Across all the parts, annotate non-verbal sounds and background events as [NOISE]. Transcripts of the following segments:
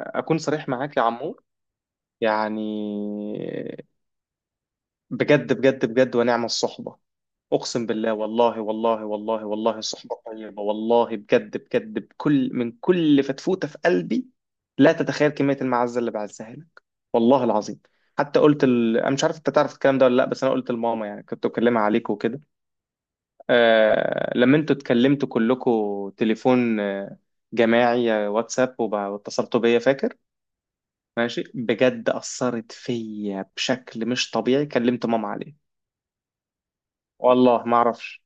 أكون صريح معاك يا عمور. يعني بجد بجد بجد، ونعم الصحبة. أقسم بالله، والله والله والله والله صحبة طيبة، والله بجد بجد، من كل فتفوتة في قلبي. لا تتخيل كمية المعزة اللي بعزها لك، والله العظيم. حتى أنا مش عارف أنت تعرف الكلام ده ولا لأ، بس أنا قلت لماما، يعني كنت بكلمها عليك وكده. لما أنتوا اتكلمتوا كلكوا تليفون جماعي، واتساب، واتصلتوا بيا، فاكر؟ ماشي، بجد أثرت فيا بشكل مش طبيعي، كلمت ماما عليه. والله ما أعرفش.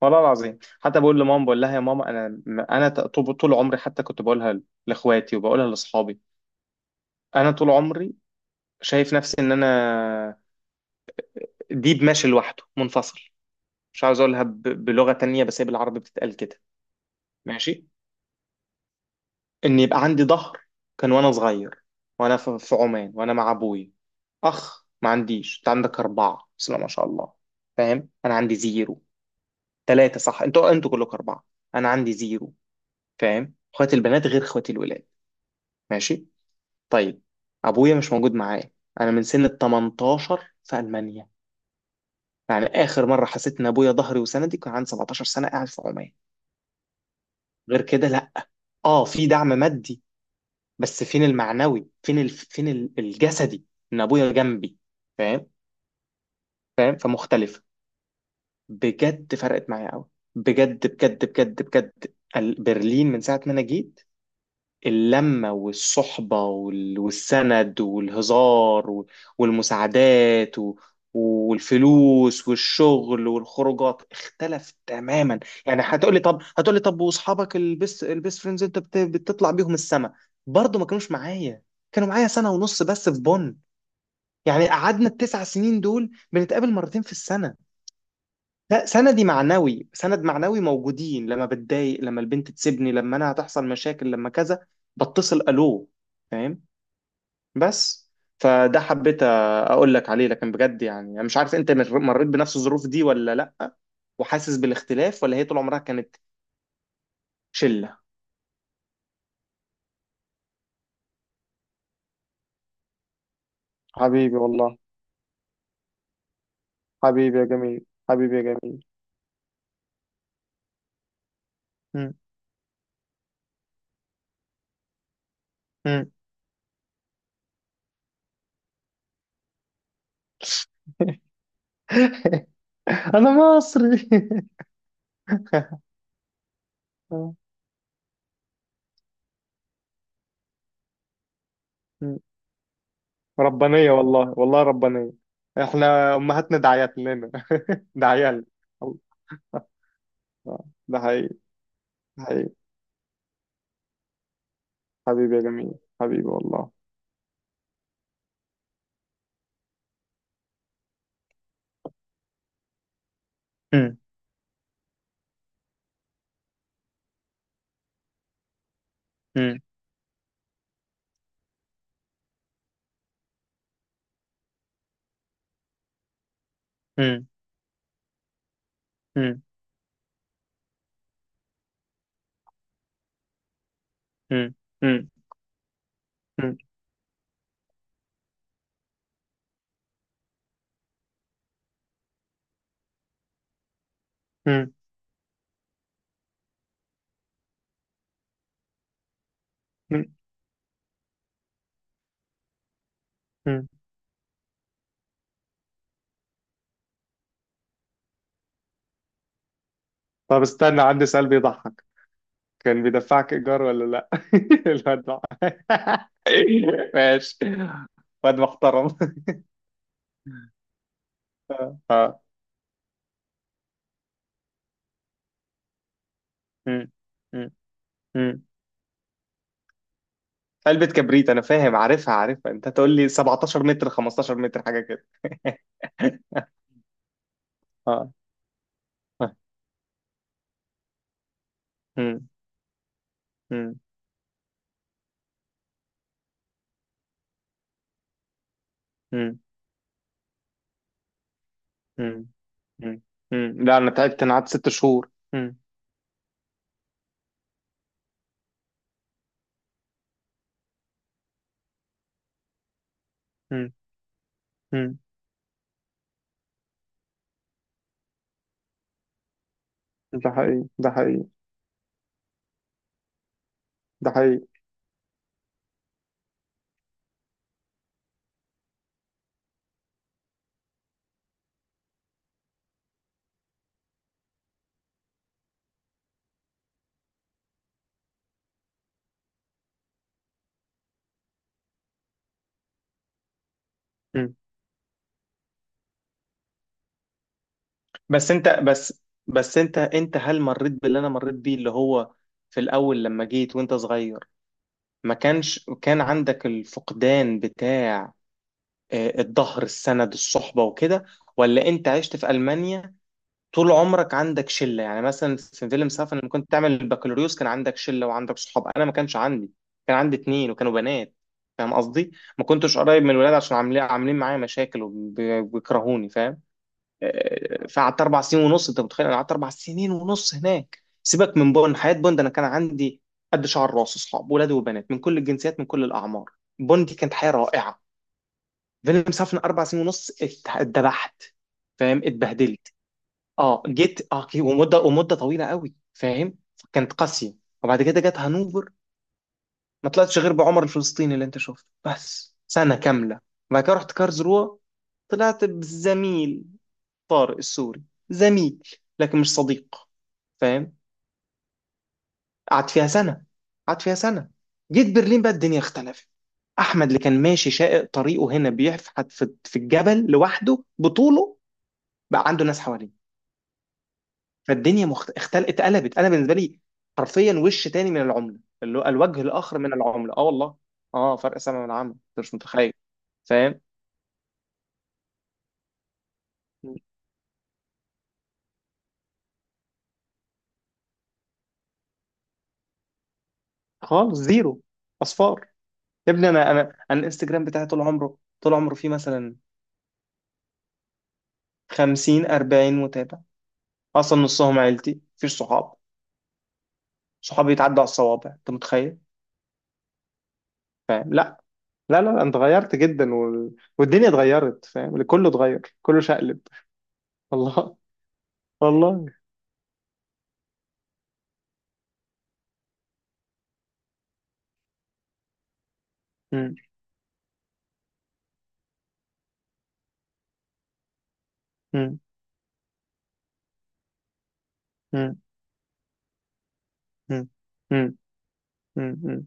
والله العظيم، حتى بقول لماما، بقول لها: يا ماما، أنا طول عمري، حتى كنت بقولها لإخواتي، وبقولها لأصحابي، أنا طول عمري شايف نفسي إن أنا ديب ماشي لوحده منفصل. مش عاوز أقولها بلغة تانية، بس هي بالعربي بتتقال كده. ماشي، إن يبقى عندي ظهر. كان وأنا صغير، وأنا في عمان، وأنا مع أبويا. أخ ما عنديش، أنت عندك أربعة، بسم الله ما شاء الله. فاهم؟ أنا عندي زيرو. ثلاثة صح، انتوا كلكم أربعة، أنا عندي زيرو. فاهم؟ اخواتي البنات غير اخواتي الولاد. ماشي، طيب، أبويا مش موجود معايا. أنا من سن ال 18 في ألمانيا. يعني آخر مرة حسيت إن أبويا ظهري وسندي كان عندي 17 سنة قاعد في عمان. غير كده لأ. أه في دعم مادي، بس فين المعنوي، الجسدي، إن أبويا جنبي. فاهم؟ فاهم فمختلفة. بجد فرقت معايا قوي. بجد بجد بجد بجد برلين من ساعة ما أنا جيت، اللمة والصحبة والسند والهزار والمساعدات والفلوس والشغل والخروجات، اختلف تماما. يعني هتقولي طب، هتقولي طب واصحابك البيست فريندز انت بتطلع بيهم السما، برضه ما كانوش معايا، كانوا معايا سنة ونص بس في بونن. يعني قعدنا التسع سنين دول بنتقابل مرتين في السنة. لا سندي معنوي، سند معنوي موجودين لما بتضايق، لما البنت تسيبني، لما انا هتحصل مشاكل، لما كذا، بتصل الو. فاهم؟ بس فده حبيت اقول لك عليه. لكن بجد يعني انا مش عارف انت مريت بنفس الظروف دي ولا لا، وحاسس بالاختلاف، ولا هي طول عمرها كانت شلة؟ حبيبي والله، حبيبي يا جميل، حبيبي يا جميل. مم. مم. [LAUGHS] انا مصري. [LAUGHS] مم. ربانية والله، والله ربانية. احنا امهاتنا دعيات لنا. [LAUGHS] دعيال. آه، ده حقيقي، ده حقيقي. حبيبي يا جميل، حبيبي والله. مم، مم، مم، مم، مم، مم، مم، مم، مم، مم. طب استنى، عندي سؤال بيضحك: كان بيدفعك ايجار ولا لا؟ [LAUGHS] الواد ده. [LAUGHS] ماشي، واد محترم. [LAUGHS] آه، آه. مم، مم، علبة كبريت، أنا فاهم، عارفها عارفها، أنت تقول لي 17 متر، 15 متر، حاجة كده. [LAUGHS] اه، آه. مم. مم. مم. مم. مم. مم. لا أنا تعبت، أنا قعدت ست شهور. مم. مم. مم. ده حقيقي، ده حقيقي، ده حقيقي. مم. بس أنت بس بس أنت أنت هل مريت باللي أنا مريت بيه، اللي هو في الأول لما جيت وأنت صغير، ما كانش كان عندك الفقدان بتاع، آه، الظهر، السند، الصحبة وكده؟ ولا أنت عشت في ألمانيا طول عمرك عندك شله؟ يعني مثلا في فيلم سافن لما كنت تعمل البكالوريوس كان عندك شله وعندك صحاب، انا ما كانش عندي، كان عندي اتنين وكانوا بنات. فاهم قصدي؟ ما كنتش قريب من الولاد عشان عاملين معايا مشاكل وبيكرهوني. فاهم؟ آه، فقعدت اربع سنين ونص، انت متخيل؟ انا قعدت اربع سنين ونص هناك. سيبك من بون، حياه بون ده انا كان عندي قد شعر راس اصحاب، ولاد وبنات، من كل الجنسيات، من كل الاعمار. بون دي كانت حياه رائعه. فيلم سافن اربع سنين ونص اتدبحت. فاهم؟ اتبهدلت. اه جيت، اه ومده ومده طويله قوي. فاهم؟ كانت قاسيه. وبعد كده جت هانوفر، ما طلعتش غير بعمر الفلسطيني اللي انت شفته، بس سنه كامله. وبعد كده رحت كارلسروه، طلعت بزميل، طارق السوري، زميل لكن مش صديق، فاهم؟ قعدت فيها سنه، قعدت فيها سنه. جيت برلين بقى الدنيا اختلفت. احمد اللي كان ماشي شائق طريقه هنا بيحفحت في الجبل لوحده بطوله، بقى عنده ناس حواليه. فالدنيا اتقلبت انا بالنسبه لي، حرفيا وش تاني من العمله، اللي هو الوجه الاخر من العمله. اه والله. اه، فرق سما من العمى، انت مش متخيل. فاهم؟ خالص زيرو، اصفار. يا ابني، انا الانستجرام بتاعي طول عمره فيه مثلا 50 40 متابع، اصلا نصهم عيلتي، مفيش صحاب. صحابي يتعدوا على الصوابع، انت متخيل؟ فاهم؟ لا لا لا لا، انت اتغيرت جدا، والدنيا اتغيرت. فاهم؟ كله اتغير، كله شقلب. [LAUGHS] والله، والله. امم. مم. مم. مم. مم.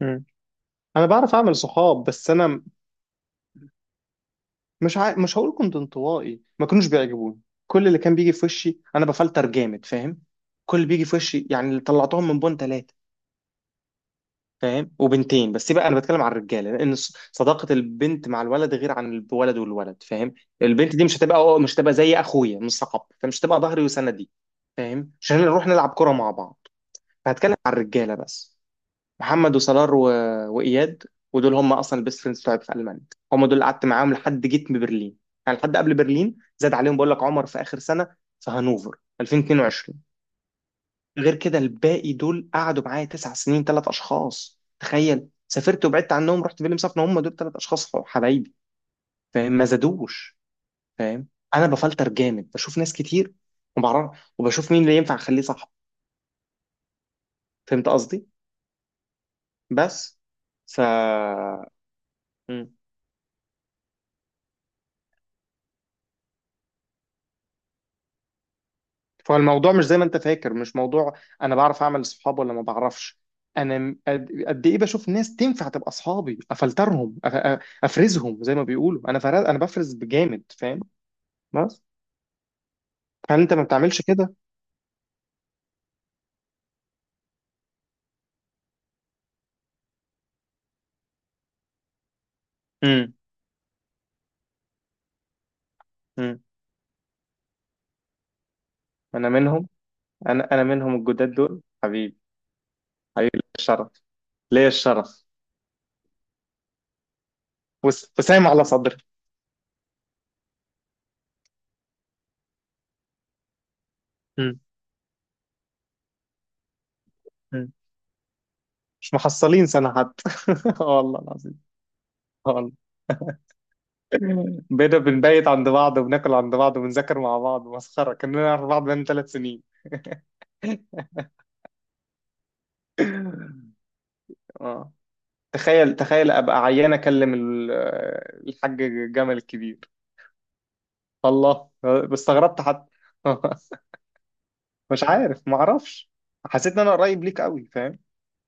مم. انا بعرف اعمل صحاب، بس انا مش هقول كنت انطوائي، ما كانوش بيعجبوني. كل اللي كان بيجي في وشي انا بفلتر جامد. فاهم؟ كل اللي بيجي في وشي يعني، اللي طلعتهم من بون ثلاثه. فاهم؟ وبنتين بس بقى. انا بتكلم عن الرجاله، لان صداقه البنت مع الولد غير عن الولد والولد. فاهم؟ البنت دي مش هتبقى زي اخويا، مش صاحب، فمش هتبقى ظهري وسندي. فاهم؟ مش هنروح نلعب كره مع بعض. فهتكلم عن الرجاله بس: محمد، وصلاح، و... واياد. ودول هم اصلا البيست فريندز بتوعي في المانيا. هم دول اللي قعدت معاهم لحد جيت من برلين. يعني لحد قبل برلين، زاد عليهم بقول لك عمر في اخر سنه في هانوفر 2022. غير كده الباقي دول قعدوا معايا تسع سنين، ثلاث اشخاص، تخيل. سافرت وبعدت عنهم، رحت فيلم سفن، هم دول ثلاث اشخاص حبايبي. فاهم؟ ما زادوش. فاهم؟ انا بفلتر جامد، بشوف ناس كتير، وبعرف وبشوف مين اللي ينفع اخليه صاحبي. فهمت قصدي؟ بس. ف، فالموضوع مش زي ما انت فاكر، مش موضوع انا بعرف اعمل صحاب ولا ما بعرفش. انا قد ايه بشوف ناس تنفع تبقى اصحابي، افلترهم، افرزهم، زي ما بيقولوا انا فرز، انا بفرز بجامد. فاهم؟ بس، هل انت ما بتعملش كده؟ امم. امم. انا منهم انا منهم الجداد دول، حبيبي. حبيبي، ليا الشرف، ليا الشرف، وسام على صدري. امم. امم. مش محصلين سنة حتى. [LAUGHS] اه والله العظيم، اه والله. [LAUGHS] بقينا بنبيت عند بعض وبناكل عند بعض وبنذاكر مع بعض، مسخرة، كنا نعرف بعض بقالنا ثلاث سنين. اه، تخيل تخيل ابقى عيان اكلم الحاج جمل الكبير. الله، آه، استغربت حتى. [LAUGHS] مش عارف، ما اعرفش، حسيت ان انا قريب ليك قوي. فاهم؟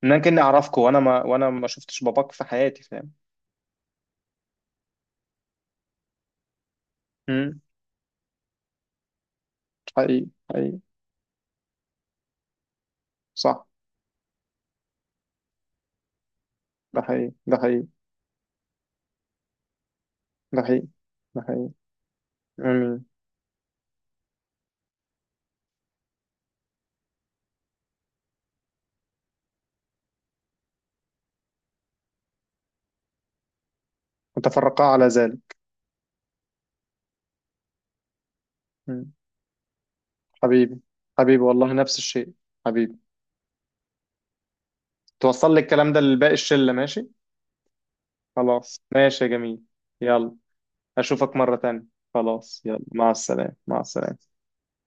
ان انا كاني اعرفك، وانا ما شفتش باباك في حياتي. فاهم؟ امم. حقيقي حقيقي. صح. ده حقيقي، ده حقيقي، ده حقيقي، ده حقيقي. امم. وتفرقا على ذلك. حبيبي، حبيبي والله، نفس الشيء، حبيبي. توصل لي الكلام ده لباقي الشلة، ماشي؟ خلاص ماشي يا جميل. يلا، أشوفك مرة تانية. خلاص، يلا، مع السلامة، مع السلامة.